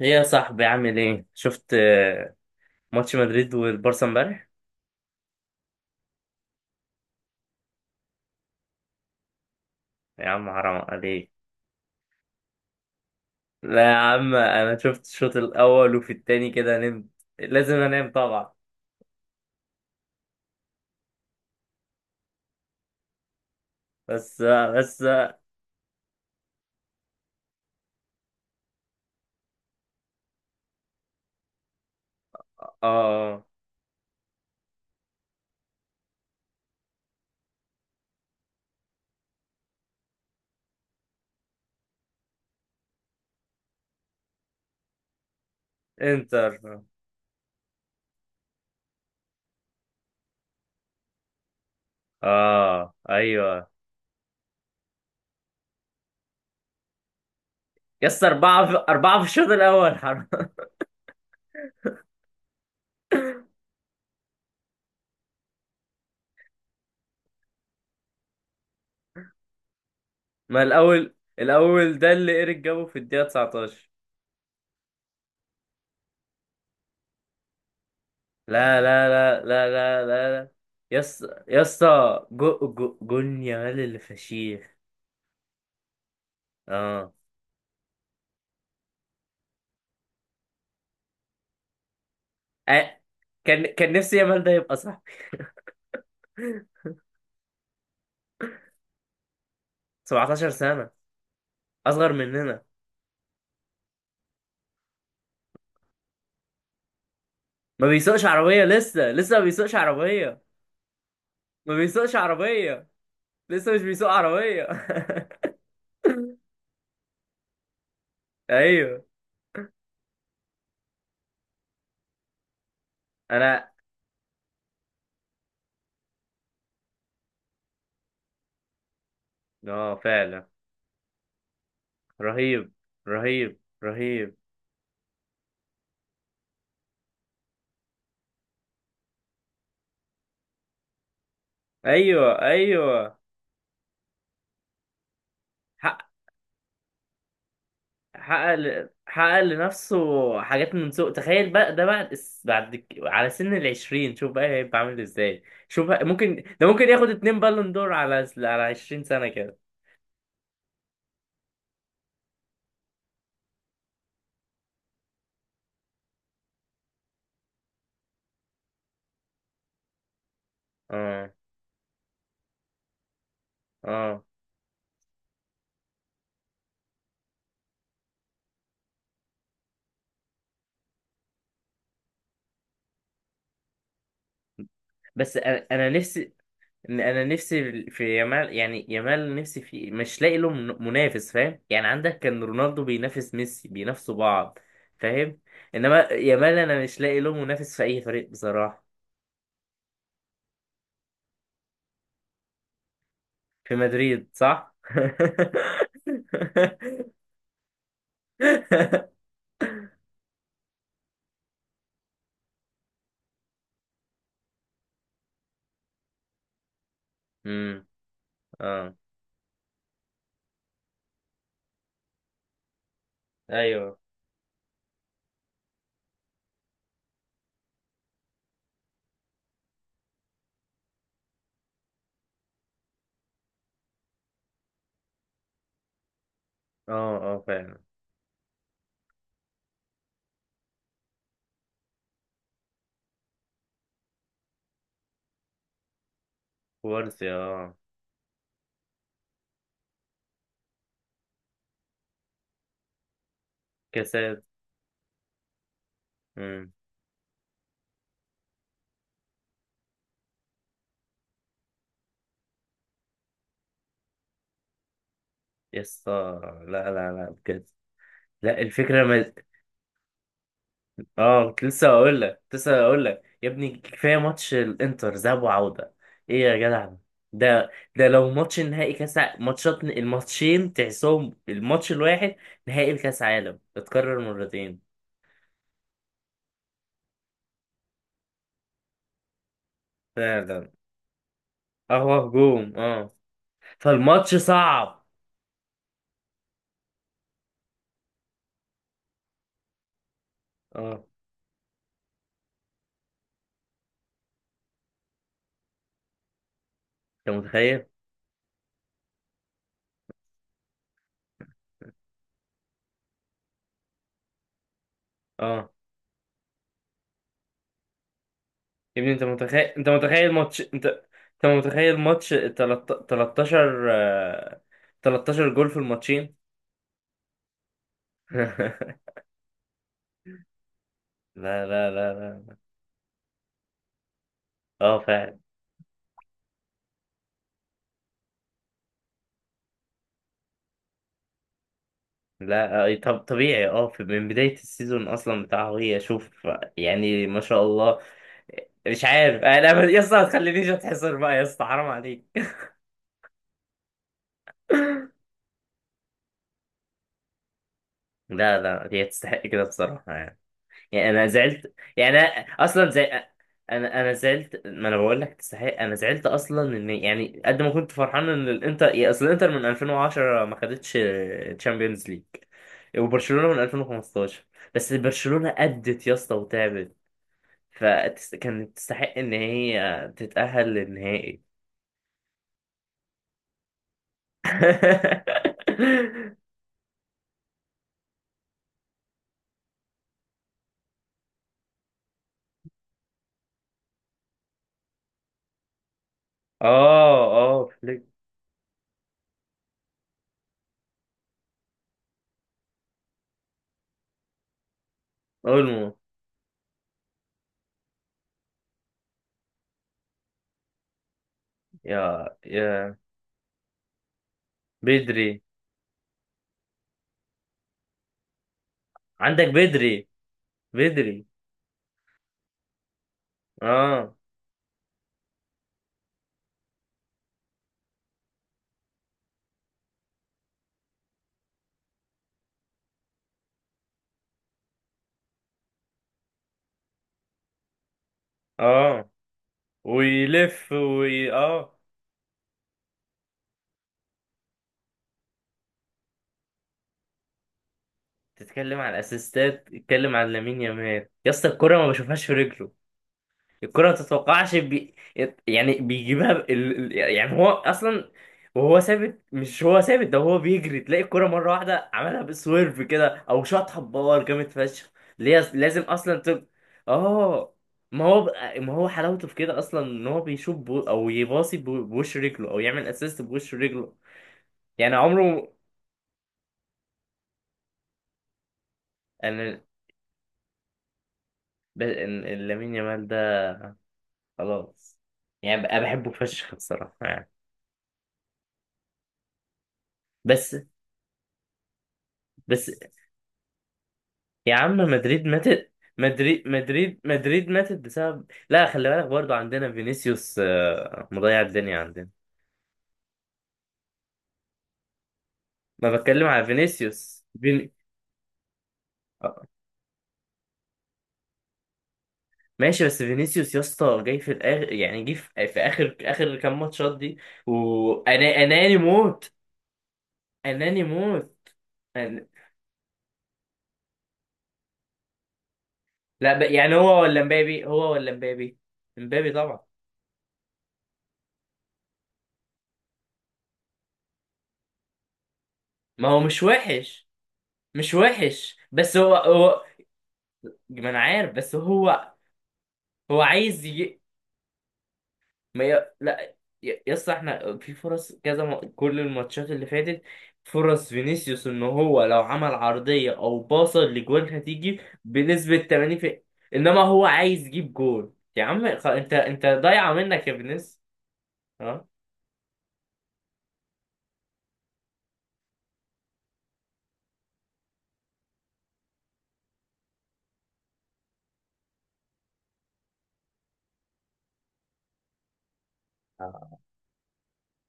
ايه يا صاحبي عامل ايه؟ شفت، ماتش مدريد والبارسا امبارح؟ يا عم حرام عليك. لا يا عم انا شفت الشوط الاول وفي التاني كده نمت. لازم انام طبعا. بس بس. اه. انتر. اه، ايوه. يس، 4-4 في الشوط الاول، حرام. ما الاول ده اللي ايريك جابه في الدقيقة 19. لا لا لا لا لا لا لا. يس يس. جو جو جون يامال اللي فشيخ. اه. آه، كان نفسي يامال ده يبقى صاحبي. 17 سنة. أصغر مننا. ما بيسوقش عربية لسه لسه، ما بيسوقش عربية. ما بيسوقش عربية. لسه مش بيسوق عربية. أيوه. أنا. آه فعلا، رهيب. رهيب رهيب. أيوه أيوه. حق حقق لنفسه حاجات من سوق. تخيل بقى ده بعد بعد على سن العشرين، شوف بقى هيبقى عامل ازاي. ممكن ياخد 2 بالون دور على 20 سنة كده. اه اه. بس انا نفسي. انا نفسي في يامال، يعني يامال نفسي في، مش لاقي له منافس، فاهم؟ يعني عندك كان رونالدو بينافس ميسي، بينافسوا بعض. فاهم. انما يامال انا مش لاقي له منافس في اي فريق بصراحة. في مدريد، صح. امم. اه، ايوه. اه، اه، فعلا. كوارسي، اه. كاسات. امم. يسطا. لا لا لا، بجد. لا، الفكرة. اه، كنت لسه هقول لك يا ابني، كفايه ماتش الانتر ذهاب وعوده. ايه يا جدع. ده لو ماتش نهائي ماتشات، الماتشين تحسهم الماتش الواحد. نهائي الكاس عالم، اتكرر مرتين. فعلا. اه، هو هجوم، اه. فالماتش صعب. اه. انت متخيل. اه يا ابني انت متخيل، انت متخيل ماتش انت انت متخيل ماتش 13، 13 جول في الماتشين. لا لا لا لا. اه فعلا. لا، طب طبيعي، اه من بداية السيزون اصلا بتاعه، هي شوف. يعني ما شاء الله. مش عارف انا يا اسطى ما تخلينيش اتحصر بقى، يا اسطى حرام عليك. لا لا، هي تستحق كده بصراحة يعني. يعني انا زعلت، يعني أنا اصلا زي. انا زعلت، ما انا بقول لك تستحق، انا زعلت اصلا ان، يعني قد ما كنت فرحان ان الانتر، يا اصل الانتر من 2010 ما خدتش تشامبيونز ليج، وبرشلونة من 2015. بس برشلونة أدت يا اسطى وتعبت، فكانت تستحق ان هي تتأهل للنهائي. اه، اه، فليك. اولمو. يا يا بدري. عندك بدري. بدري اه اه، ويلف، وي اه. تتكلم على الاسيستات، تتكلم على لامين يامال يا اسطى، الكرة ما بشوفهاش في رجله. الكرة ما تتوقعش. يعني يعني هو أصلا، وهو ثابت، مش هو ثابت ده، هو بيجري تلاقي الكرة مرة واحدة، عملها بسويرف كده أو شاطها بباور جامد فشخ. اللي هي لازم أصلا. آه. ما هو حلاوته في كده أصلا، إن هو أو بوش رجله، أو يعمل أسيست بوش رجله. يعني عمره. أنا لامين يامال ده، خلاص. يعني بقى بحبه فشخ بصراحة يعني. بس بس يا عم، مدريد ماتت. مدريد ماتت بسبب، لا خلي بالك برضو، عندنا فينيسيوس مضيع الدنيا عندنا. ما بتكلم على فينيسيوس. آه، ماشي، بس فينيسيوس يا اسطى جاي في الاخر، يعني جه في اخر اخر كام ماتشات دي. وانا اناني موت. اناني موت. أن... لا يعني هو ولا مبابي، مبابي طبعا. ما هو مش وحش. مش وحش، بس هو. ما انا عارف، بس هو. هو. ما ي... لا. يس، احنا في فرص كذا، كل الماتشات اللي فاتت، فرص فينيسيوس ان هو لو عمل عرضية او باصة لجوان هتيجي بنسبة 80 . انما هو عايز يجيب جول، يا عم انت ضايعة منك يا فينيسيوس. ها. آه.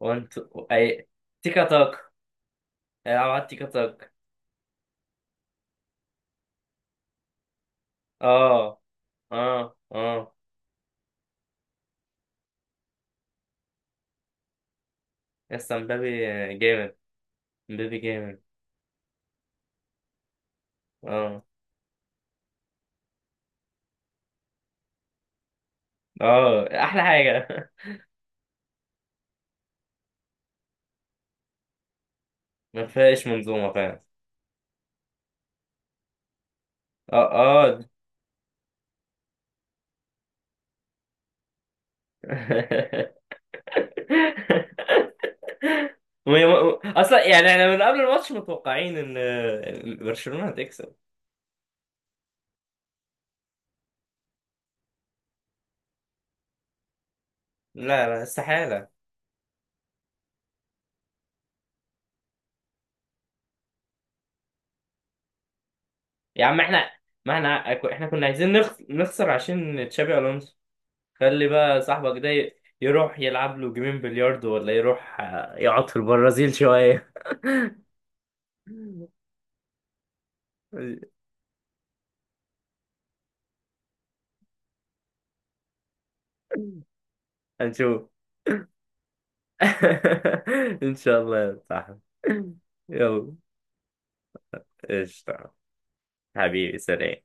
وانت، اي، تيكا تاك. العب على التيكا تاك. اه، اه، اه. يس مبابي. جامد. مبابي جامد. اه، اه، احلى حاجة. ما فيهاش منظومة، فعلا. اه، اه. اصلا يعني احنا من قبل الماتش متوقعين ان برشلونة هتكسب. لا لا، استحالة. يا عم احنا، ما احنا احنا كنا عايزين نخسر عشان تشابي الونسو. خلي بقى صاحبك ده يروح يلعب له جيمين بلياردو، ولا يروح يقعد في البرازيل شوية. هنشوف. ان شاء الله يا صاحبي. يلا. قشطة. حبيبي، سلام.